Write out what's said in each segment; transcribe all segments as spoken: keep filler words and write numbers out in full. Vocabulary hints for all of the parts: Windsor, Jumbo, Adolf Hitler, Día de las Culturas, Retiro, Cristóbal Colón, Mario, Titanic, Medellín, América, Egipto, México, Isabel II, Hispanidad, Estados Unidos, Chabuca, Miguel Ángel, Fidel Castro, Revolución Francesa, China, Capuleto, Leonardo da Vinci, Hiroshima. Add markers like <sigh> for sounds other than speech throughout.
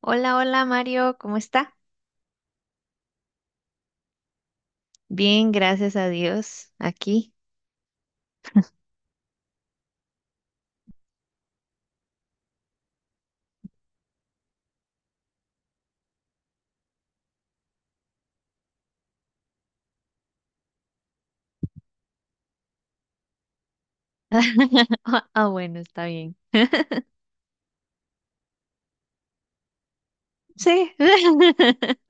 Hola, hola Mario, ¿cómo está? Bien, gracias a Dios, aquí. <laughs> Ah, bueno, está bien. Sí. <laughs>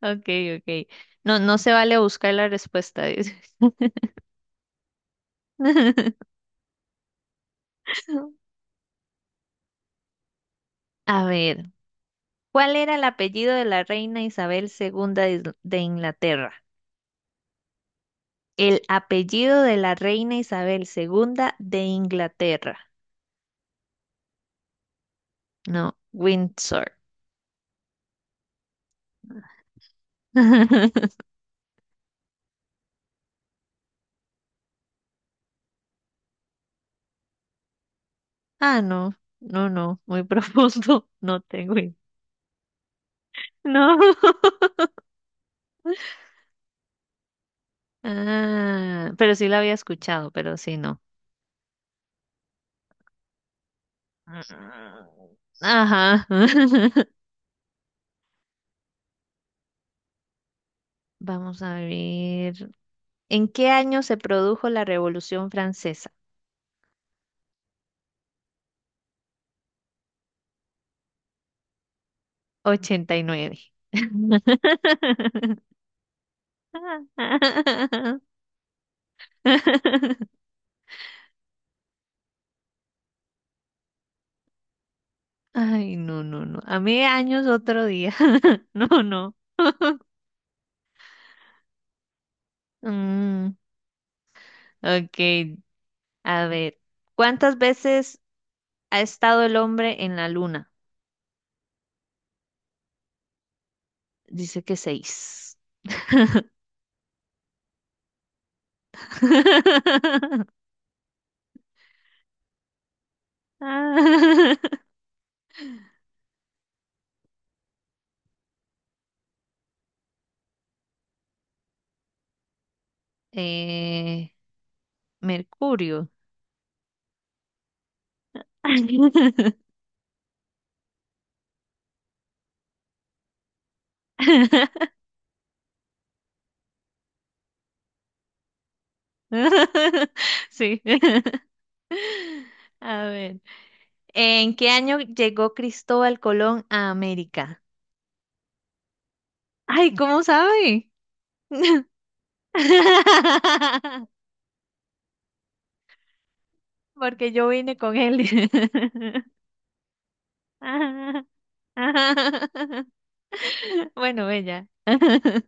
Ok, ok. No, no se vale buscar la respuesta. Dice. <laughs> A ver, ¿cuál era el apellido de la reina Isabel segunda de, Is- de Inglaterra? El apellido de la reina Isabel segunda de Inglaterra. No, Windsor. <laughs> Ah, no, no, no, muy <laughs> profundo. No tengo. i- No. <laughs> Ah, pero sí la había escuchado, pero sí no. Ah, ajá. <laughs> Vamos a ver. ¿En qué año se produjo la Revolución Francesa? Ochenta y nueve. <laughs> Ay, no, no, no. A mí años otro día. <laughs> No, no. <laughs> Mm, ok, a ver. ¿Cuántas veces ha estado el hombre en la luna? Dice que seis. <laughs> Eh, Mercurio. <laughs> Sí. A ver. ¿En qué año llegó Cristóbal Colón a América? Ay, ¿cómo sabe? <laughs> Porque yo vine con él. <laughs> Bueno, ella. <laughs>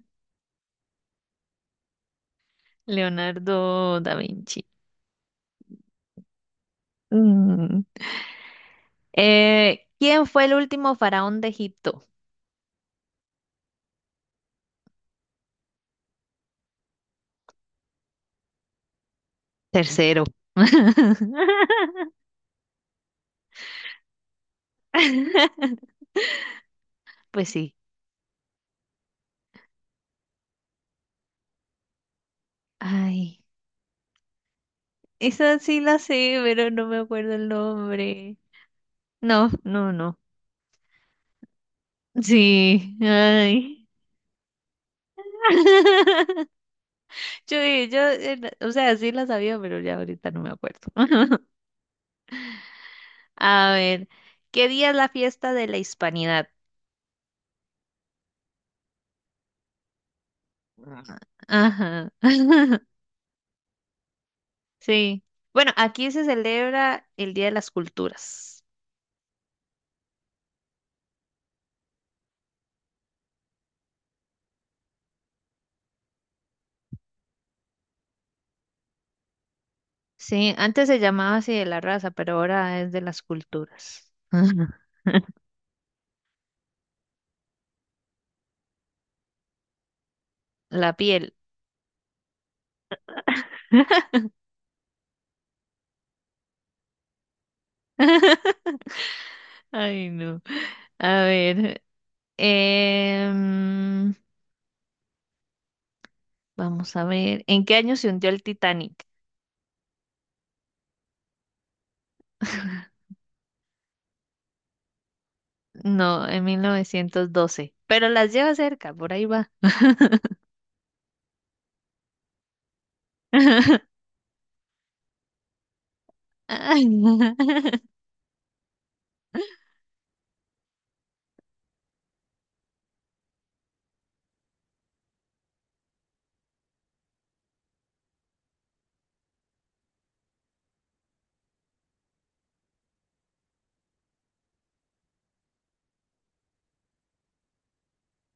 Leonardo da Vinci. Mm. Eh, ¿quién fue el último faraón de Egipto? Tercero. <laughs> Pues sí. Ay, esa sí la sé, pero no me acuerdo el nombre. No, no, no. Sí, ay. <laughs> Yo, eh, yo, eh, o sea, sí la sabía, pero ya ahorita no me acuerdo. <laughs> A ver, ¿qué día es la fiesta de la Hispanidad? Ajá. Ajá. <laughs> Sí. Bueno, aquí se celebra el Día de las Culturas. Sí, antes se llamaba así de la raza, pero ahora es de las culturas. <laughs> La piel. <laughs> Ay, no. A ver. em, vamos a ver. ¿En qué año se hundió el Titanic? No, en mil novecientos doce. Pero las lleva cerca, por ahí va. <laughs> Ay, no.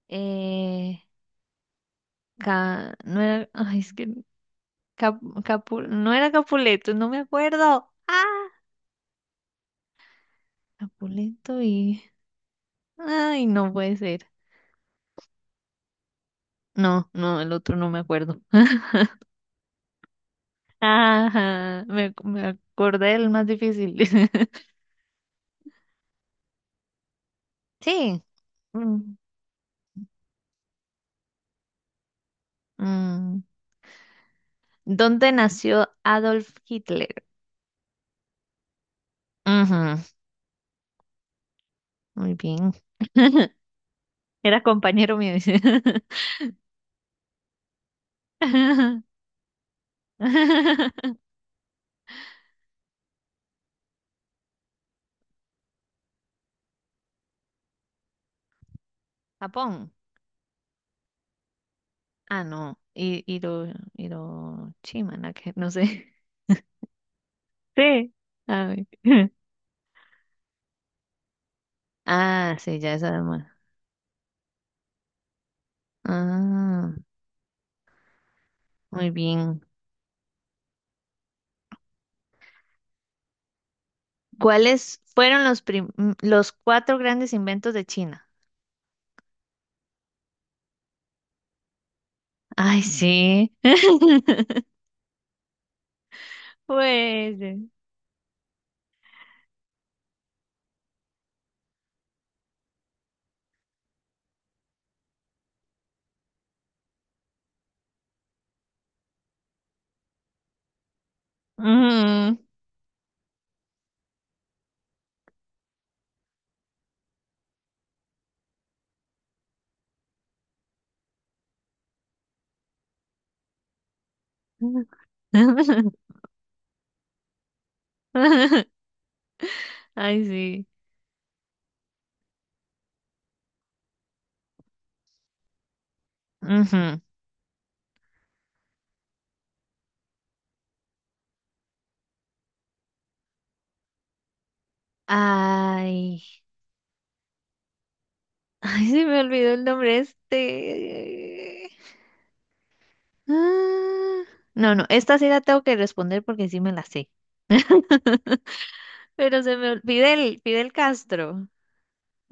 Eh, Ca- no era. Ay, es que. Cap- Capu- no era Capuleto, no me acuerdo. ¡Ah! Capuleto y. Ay, no puede ser. No, no, el otro no me acuerdo. <laughs> Ajá, me, me acordé del más difícil. <laughs> Sí. mm, mm. ¿Dónde nació Adolf Hitler? Ujú, muy bien. <laughs> Era compañero mío. Dice. <laughs> Japón. Ah, no. Hi- Hiro, Hiroshima, la que- no sé. <laughs> Sí. Ay. <laughs> Ah, sí, ya es además. Ah, muy bien. ¿Cuáles fueron los, prim- los cuatro grandes inventos de China? Ay, sí. <laughs> Pues. Mm. <laughs> Ay, sí. Ujú. Ay. Ay, se me olvidó el nombre este. Ah. No, no, esta sí la tengo que responder porque sí me la sé. <laughs> Pero se me olvidó. Fidel, Fidel Castro.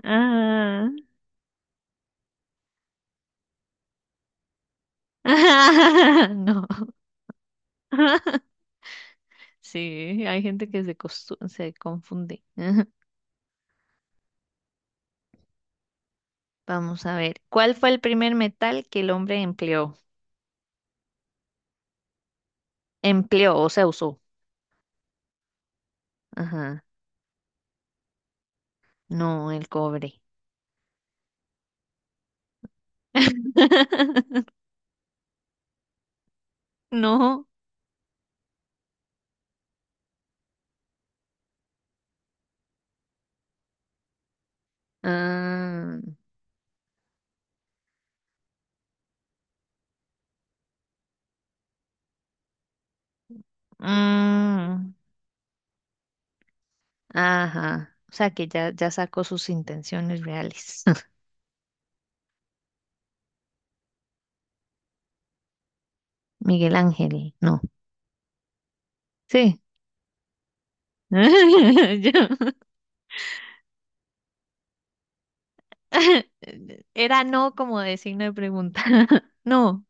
Ah. <laughs> No. Sí, hay gente que se, costu- se confunde. <laughs> Vamos a ver. ¿Cuál fue el primer metal que el hombre empleó? Empleó, o sea, usó. Ajá. No, el cobre. <laughs> No. Ah, mm, ajá. O sea, que ya, ya sacó sus intenciones reales. <laughs> Miguel Ángel, no. Sí. <laughs> Yo- <laughs> Era no como de signo de pregunta. <laughs> No.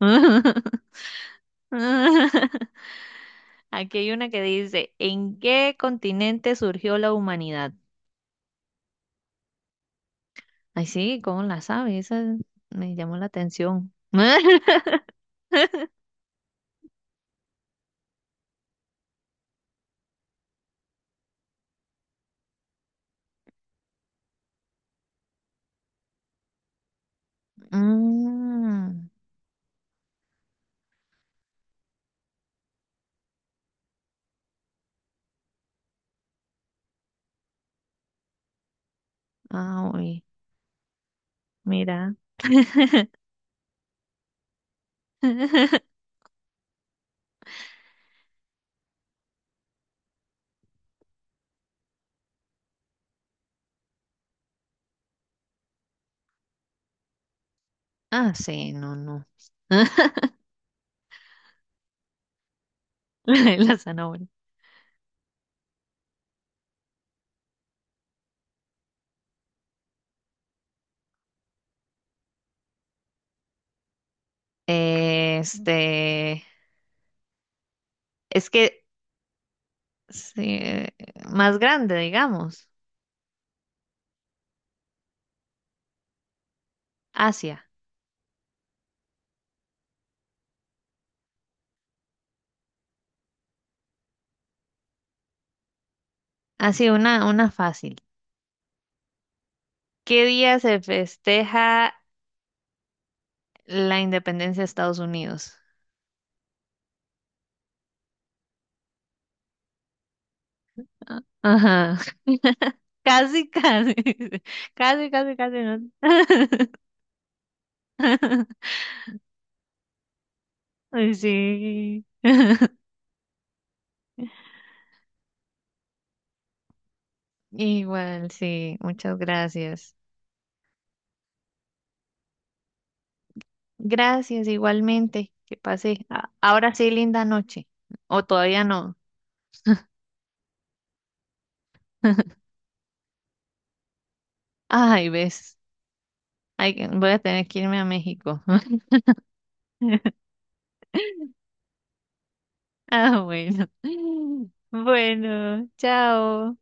<laughs> Aquí hay una que dice, ¿en qué continente surgió la humanidad? Ay, sí, ¿cómo la sabe? Esa me llamó la atención. <laughs> Mm, ah, uy, mira. <laughs> Ah, sí, no, no. <laughs> La zanahoria. Este, es que sí, eh, más grande, digamos. Asia. Así, una, una fácil. ¿Qué día se festeja la independencia de Estados Unidos? A- Ajá. <laughs> Casi, casi. <laughs> Casi, casi, casi. ¿No? <laughs> Ay, sí. <laughs> Igual, sí. Muchas gracias. Gracias, igualmente. Que pase. a- Ahora sí, linda noche. O todavía no. <laughs> Ay, ves. Ay, que- voy a tener que irme a México. <laughs> Ah, bueno. <laughs> Bueno, chao.